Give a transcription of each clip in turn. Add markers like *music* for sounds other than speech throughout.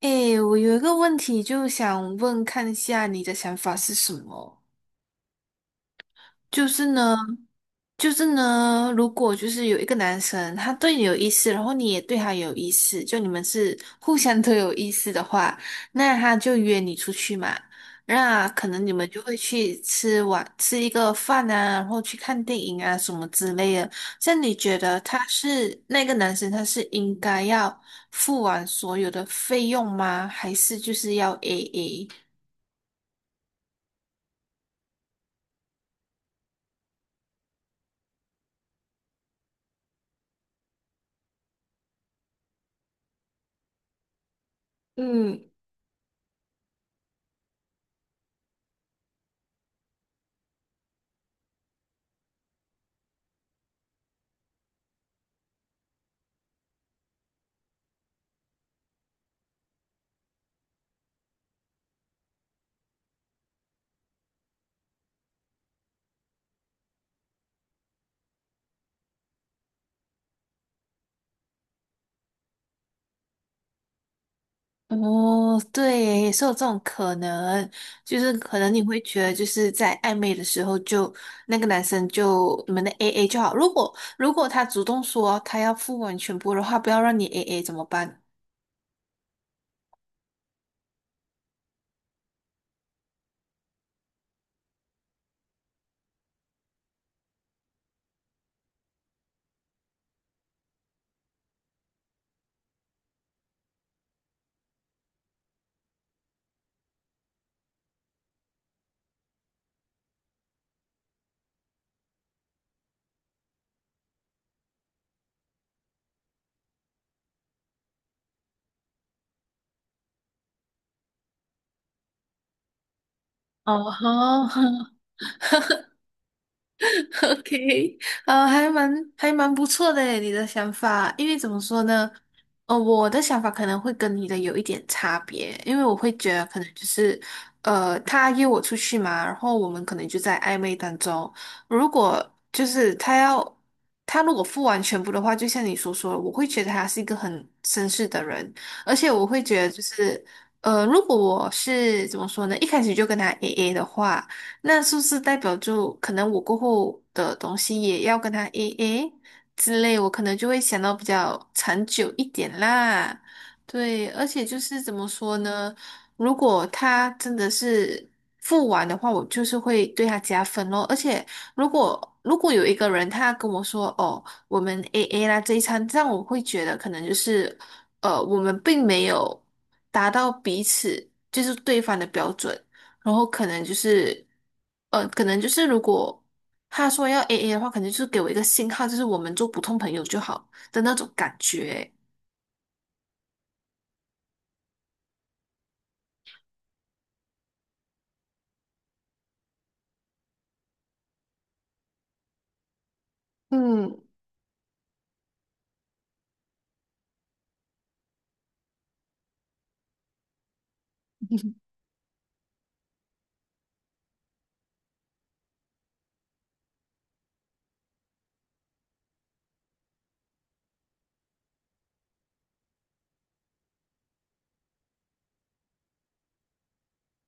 诶，我有一个问题，就想问看一下你的想法是什么？就是呢，就是呢，如果就是有一个男生他对你有意思，然后你也对他有意思，就你们是互相都有意思的话，那他就约你出去嘛。那可能你们就会去吃一个饭啊，然后去看电影啊什么之类的。像你觉得他是那个男生，他是应该要付完所有的费用吗？还是就是要 AA？嗯。哦，对耶也是有这种可能，就是可能你会觉得，就是在暧昧的时候就，那个男生就你们的 AA 就好。如果他主动说他要付完全部的话，不要让你 AA 怎么办？哦吼，*laughs* *laughs* OK，呃，还蛮还蛮不错的诶，你的想法，因为怎么说呢，我的想法可能会跟你的有一点差别，因为我会觉得可能就是，他约我出去嘛，然后我们可能就在暧昧当中，如果就是他如果付完全部的话，就像你所说的，我会觉得他是一个很绅士的人，而且我会觉得就是，如果我是怎么说呢，一开始就跟他 AA 的话。那是不是代表就可能我过后的东西也要跟他 AA 之类，我可能就会想到比较长久一点啦。对，而且就是怎么说呢？如果他真的是付完的话，我就是会对他加分咯。而且如果有一个人他跟我说哦，我们 AA 啦这一餐，这样我会觉得可能就是我们并没有达到彼此就是对方的标准。然后可能就是，可能就是如果他说要 AA 的话，可能就是给我一个信号，就是我们做普通朋友就好的那种感觉。嗯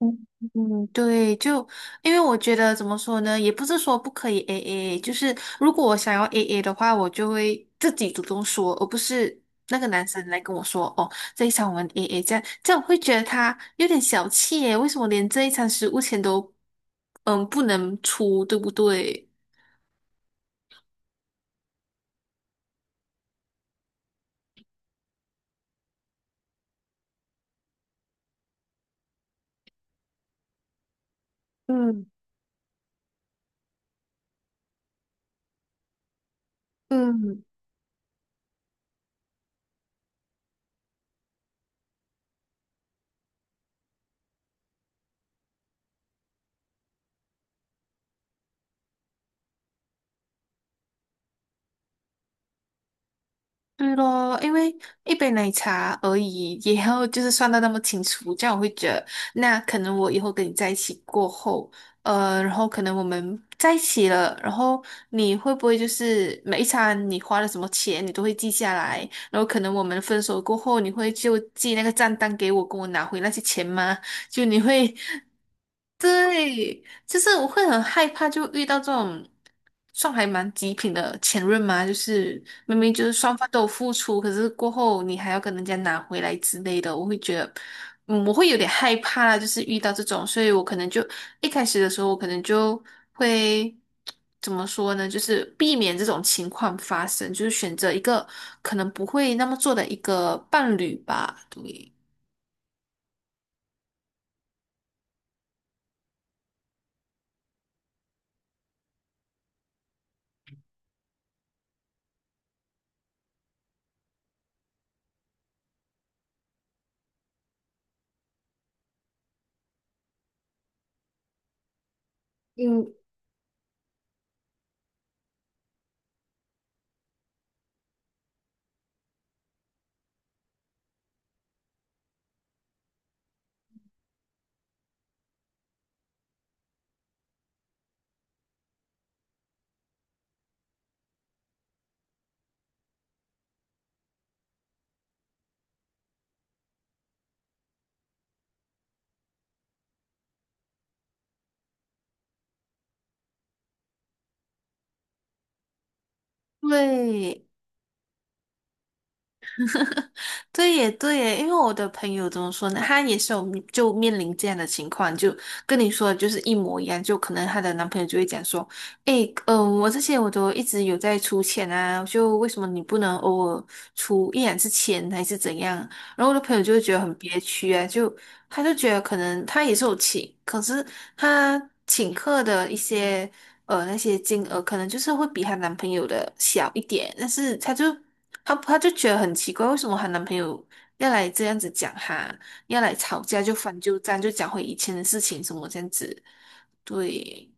嗯嗯，对，就因为我觉得怎么说呢，也不是说不可以 AA,就是如果我想要 AA 的话，我就会自己主动说，而不是那个男生来跟我说哦，这一场我们 AA 这样，这样我会觉得他有点小气耶，为什么连这一场食物钱都不能出，对不对？嗯。嗯，对咯，因为一杯奶茶而已，也要就是算的那么清楚，这样我会觉得，那可能我以后跟你在一起过后，然后可能我们在一起了，然后你会不会就是每一餐你花了什么钱，你都会记下来，然后可能我们分手过后，你会就寄那个账单给我，跟我拿回那些钱吗？就你会，对，就是我会很害怕，就遇到这种算还蛮极品的前任嘛，就是明明就是双方都有付出，可是过后你还要跟人家拿回来之类的，我会觉得，嗯，我会有点害怕啦，就是遇到这种，所以我可能就一开始的时候，我可能就会怎么说呢，就是避免这种情况发生，就是选择一个可能不会那么做的一个伴侣吧，对。嗯，对，对耶，对耶，因为我的朋友怎么说呢？她也是就面临这样的情况，就跟你说的就是一模一样。就可能她的男朋友就会讲说："诶，嗯、我这些我都一直有在出钱啊，就为什么你不能偶尔出一两次钱还是怎样？"然后我的朋友就会觉得很憋屈啊，就他就觉得可能他也是有请，可是他请客的一些。那些金额，可能就是会比她男朋友的小一点，但是她就她她就觉得很奇怪，为什么她男朋友要来这样子讲她，要来吵架就翻旧账，就讲回以前的事情什么这样子，对。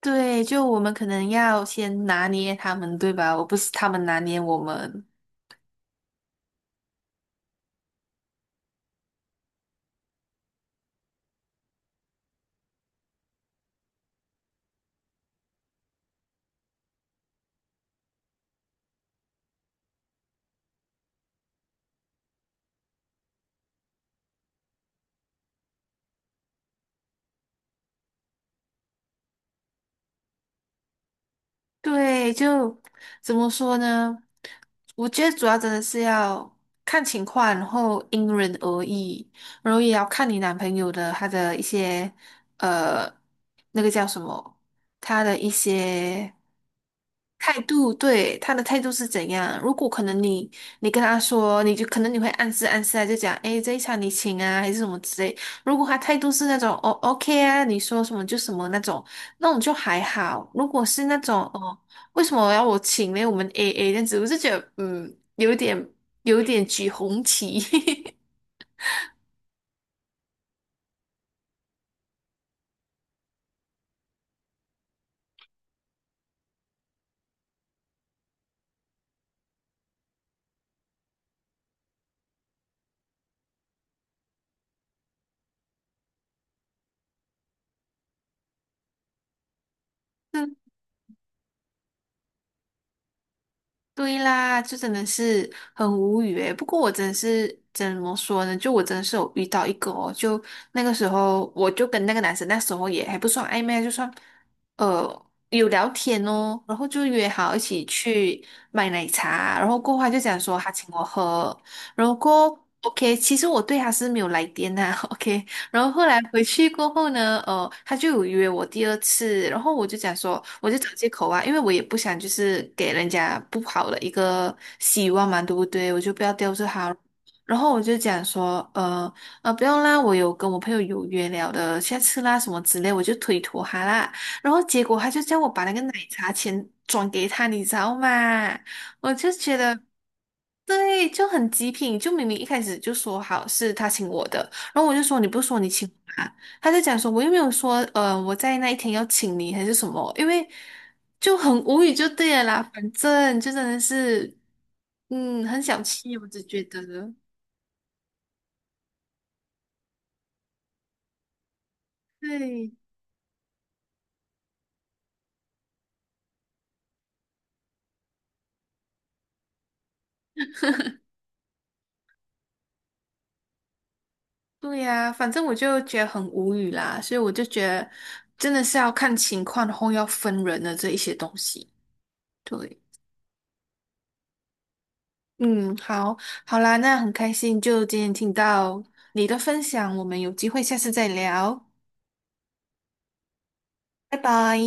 对，就我们可能要先拿捏他们，对吧？我不是他们拿捏我们。对，就怎么说呢？我觉得主要真的是要看情况，然后因人而异，然后也要看你男朋友的他的一些呃，那个叫什么，他的一些。态度，对，他的态度是怎样？如果可能你，你跟他说，你就可能你会暗示暗示啊，就讲，诶，这一场你请啊，还是什么之类。如果他态度是那种，哦，OK 啊，你说什么就什么那种，那种就还好。如果是那种，哦，为什么要我请呢？我们 AA 这样子，我就觉得，嗯，有点举红旗。*laughs* 对啦，就真的是很无语诶。不过我真的是怎么说呢？就我真的是有遇到一个哦，就那个时候我就跟那个男生那时候也还不算暧昧，就算呃有聊天哦，然后就约好一起去买奶茶，然后过后他就讲说他请我喝，然后过后 OK,其实我对他是没有来电呐、*laughs* o k 然后后来回去过后呢，他就有约我第二次，然后我就讲说，我就找借口啊，因为我也不想就是给人家不好的一个希望嘛，对不对？我就不要吊着他。然后我就讲说，不用啦，我有跟我朋友有约了的，下次啦什么之类，我就推脱他啦。然后结果他就叫我把那个奶茶钱转给他，你知道吗？我就觉得。对，就很极品，就明明一开始就说好是他请我的，然后我就说你不是说你请啊？他就讲说我又没有说，我在那一天要请你还是什么，因为就很无语就对了啦，反正就真的是，嗯，很小气，我只觉得，对对呀、反正我就觉得很无语啦，所以我就觉得真的是要看情况，然后要分人的这一些东西，对，嗯，好，好啦，那很开心，就今天听到你的分享，我们有机会下次再聊，拜拜。